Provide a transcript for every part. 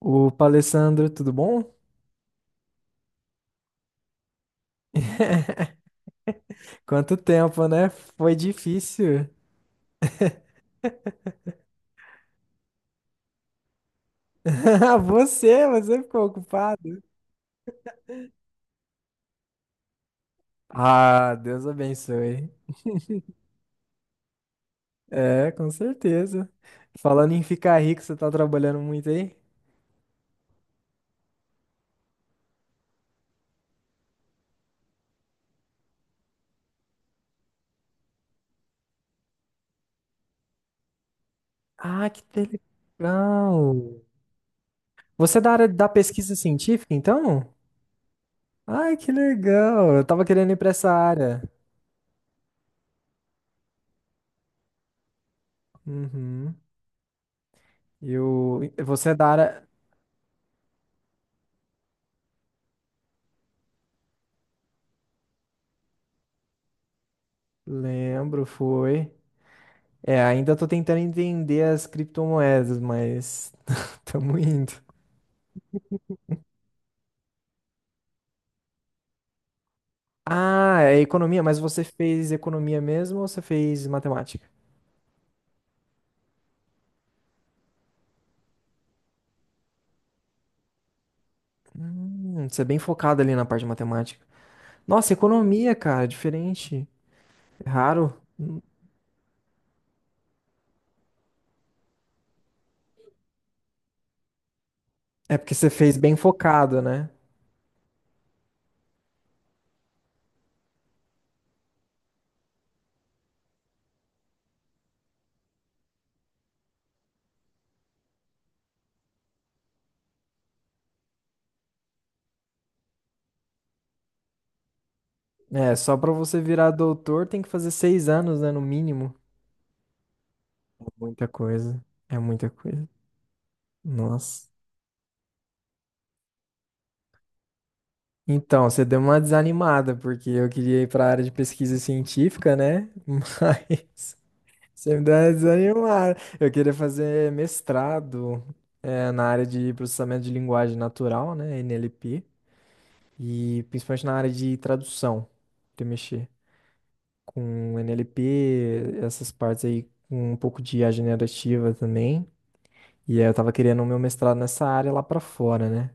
Opa, Alessandro, tudo bom? Quanto tempo, né? Foi difícil. Você ficou ocupado. Ah, Deus abençoe. É, com certeza. Falando em ficar rico, você tá trabalhando muito aí? Ah, que legal. Você é da área da pesquisa científica, então? Ai, que legal. Eu tava querendo ir pra essa área. Uhum. Você é da área. Lembro, foi. É, ainda tô tentando entender as criptomoedas, mas tamo indo. Ah, é economia, mas você fez economia mesmo ou você fez matemática? Você é bem focado ali na parte de matemática. Nossa, economia, cara, diferente. É raro. É porque você fez bem focado, né? É, só pra você virar doutor tem que fazer 6 anos, né, no mínimo. Muita coisa. É muita coisa. Nossa. Então, você deu uma desanimada, porque eu queria ir para a área de pesquisa científica, né? Mas você me deu uma desanimada. Eu queria fazer mestrado, na área de processamento de linguagem natural, né? NLP, e principalmente na área de tradução, de mexer com NLP, essas partes aí, com um pouco de IA generativa também. E aí eu tava querendo o meu mestrado nessa área lá pra fora, né?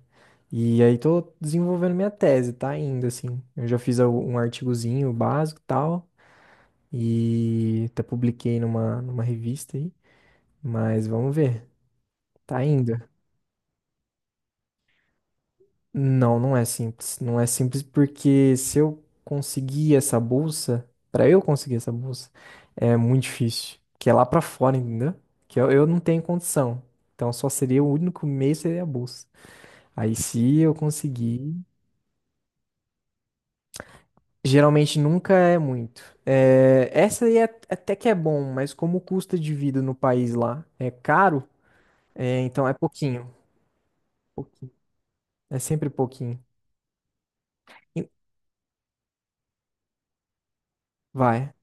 E aí tô desenvolvendo minha tese, tá ainda assim. Eu já fiz um artigozinho básico e tal, e até publiquei numa revista aí, mas vamos ver. Tá ainda. Não, não é simples. Não é simples porque se eu conseguir essa bolsa, pra eu conseguir essa bolsa, é muito difícil, que é lá pra fora, entendeu? Que eu não tenho condição. Então só seria o único meio seria a bolsa. Aí se eu conseguir. Geralmente nunca é muito. É, essa aí é, até que é bom, mas como o custo de vida no país lá é caro, é, então é pouquinho, pouquinho. É sempre pouquinho. E- Vai.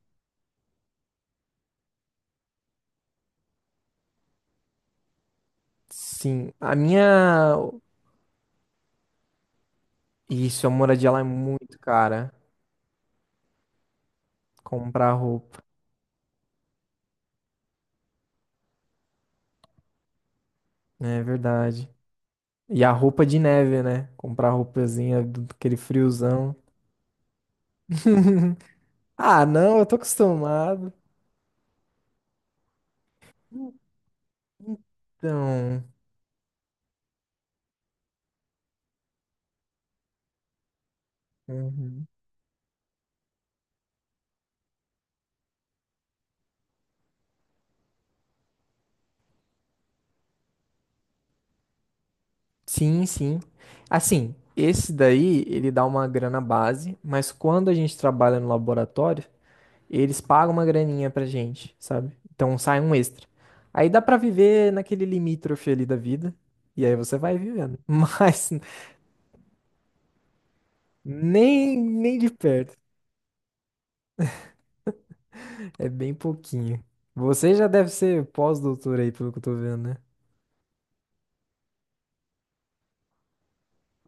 Sim. A minha. Isso, a moradia lá é muito cara. Comprar roupa. Né, é verdade. E a roupa de neve, né? Comprar roupazinha do aquele friozão. Ah, não, eu tô acostumado. Então. Uhum. Sim, sim. Assim, esse daí, ele dá uma grana base, mas quando a gente trabalha no laboratório, eles pagam uma graninha pra gente, sabe? Então sai um extra. Aí dá pra viver naquele limítrofe ali da vida, e aí você vai vivendo. Mas nem de perto. É bem pouquinho. Você já deve ser pós-doutor aí, pelo que eu tô vendo, né?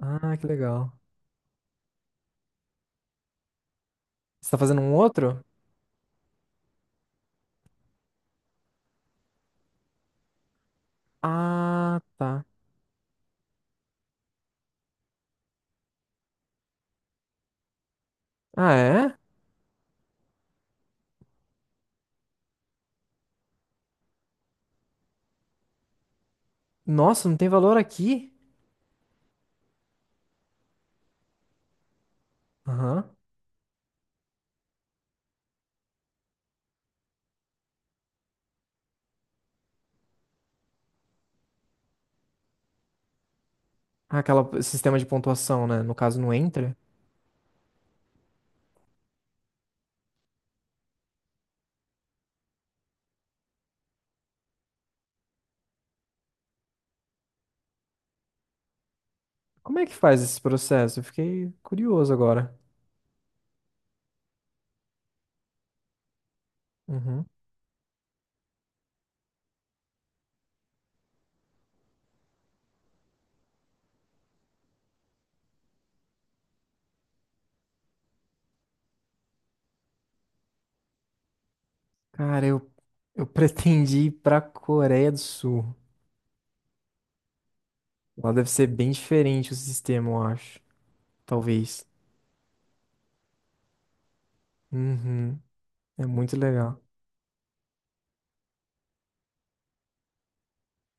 Ah, que legal. Você tá fazendo um outro? Ah, tá. Ah, é? Nossa, não tem valor aqui? Aham. Ah, aquela sistema de pontuação, né? No caso, não entra. Como é que faz esse processo? Eu fiquei curioso agora. Uhum. Cara, eu pretendi ir pra Coreia do Sul. Lá deve ser bem diferente o sistema, eu acho. Talvez. Uhum. É muito legal.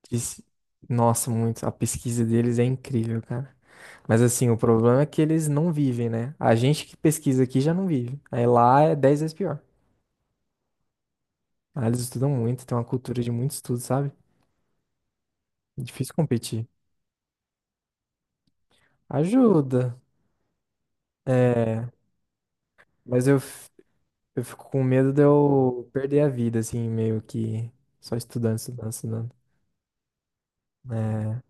Diz- Nossa, muito. A pesquisa deles é incrível, cara. Mas assim, o problema é que eles não vivem, né? A gente que pesquisa aqui já não vive. Aí lá é 10 vezes pior. Lá eles estudam muito, tem uma cultura de muito estudo, sabe? É difícil competir. Ajuda. É, mas eu fico com medo de eu perder a vida, assim, meio que só estudando, estudando, estudando. É,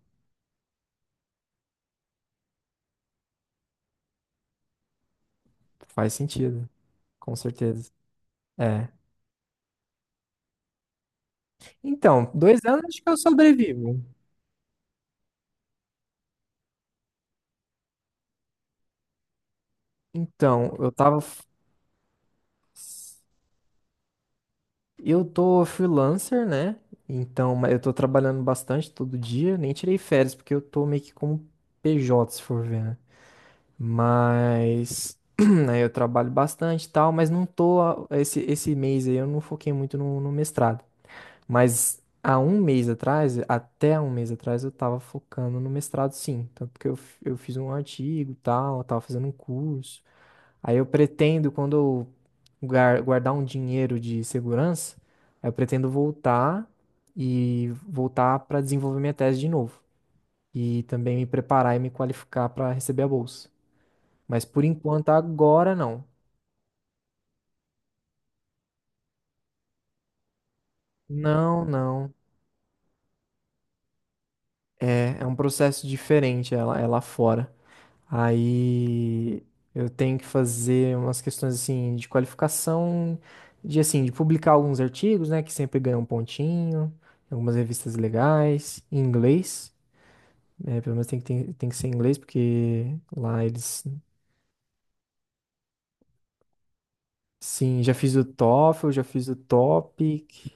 faz sentido, com certeza. É. Então, 2 anos acho que eu sobrevivo. Então, eu tô freelancer, né? Então, eu tô trabalhando bastante todo dia. Nem tirei férias, porque eu tô meio que como PJ, se for ver, né? Mas aí eu trabalho bastante e tal, mas não tô. Esse mês aí eu não foquei muito no mestrado. Mas há um mês atrás, até um mês atrás, eu tava focando no mestrado sim. Tanto que eu fiz um artigo e tal, eu tava fazendo um curso. Aí eu pretendo, quando eu guardar um dinheiro de segurança, aí eu pretendo voltar e voltar para desenvolver minha tese de novo. E também me preparar e me qualificar para receber a bolsa. Mas por enquanto, agora não. Não, não. É um processo diferente, ela, é lá fora. Aí eu tenho que fazer umas questões assim de qualificação, de assim, de publicar alguns artigos, né, que sempre ganham um pontinho, em algumas revistas legais, em inglês. É, pelo menos tem que ser em inglês, porque lá eles. Sim, já fiz o TOEFL, já fiz o TOPIC.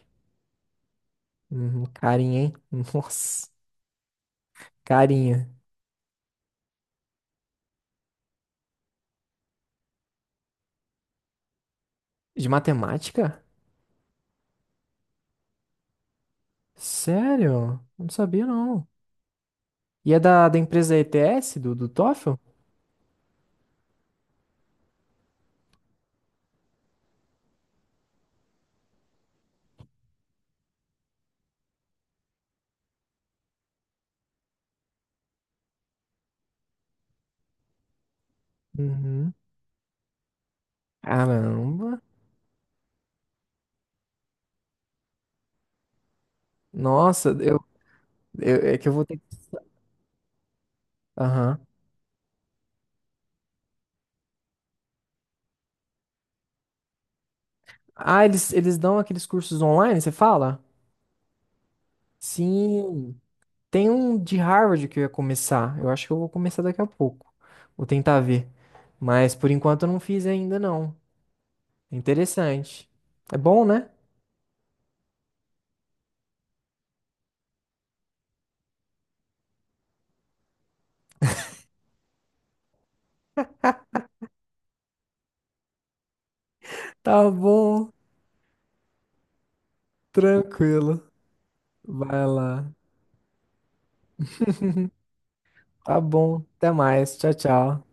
Uhum, carinha, hein? Nossa, carinha. De matemática? Sério? Não sabia, não. E é da empresa ETS, do TOEFL? Uhum. Caramba. Nossa, é que eu vou ter que... Aham. Ah, eles dão aqueles cursos online, você fala? Sim. Tem um de Harvard que eu ia começar. Eu acho que eu vou começar daqui a pouco. Vou tentar ver. Mas por enquanto eu não fiz ainda, não. É interessante. É bom, né? Tá bom. Tranquilo. Vai lá. Tá bom. Até mais. Tchau, tchau.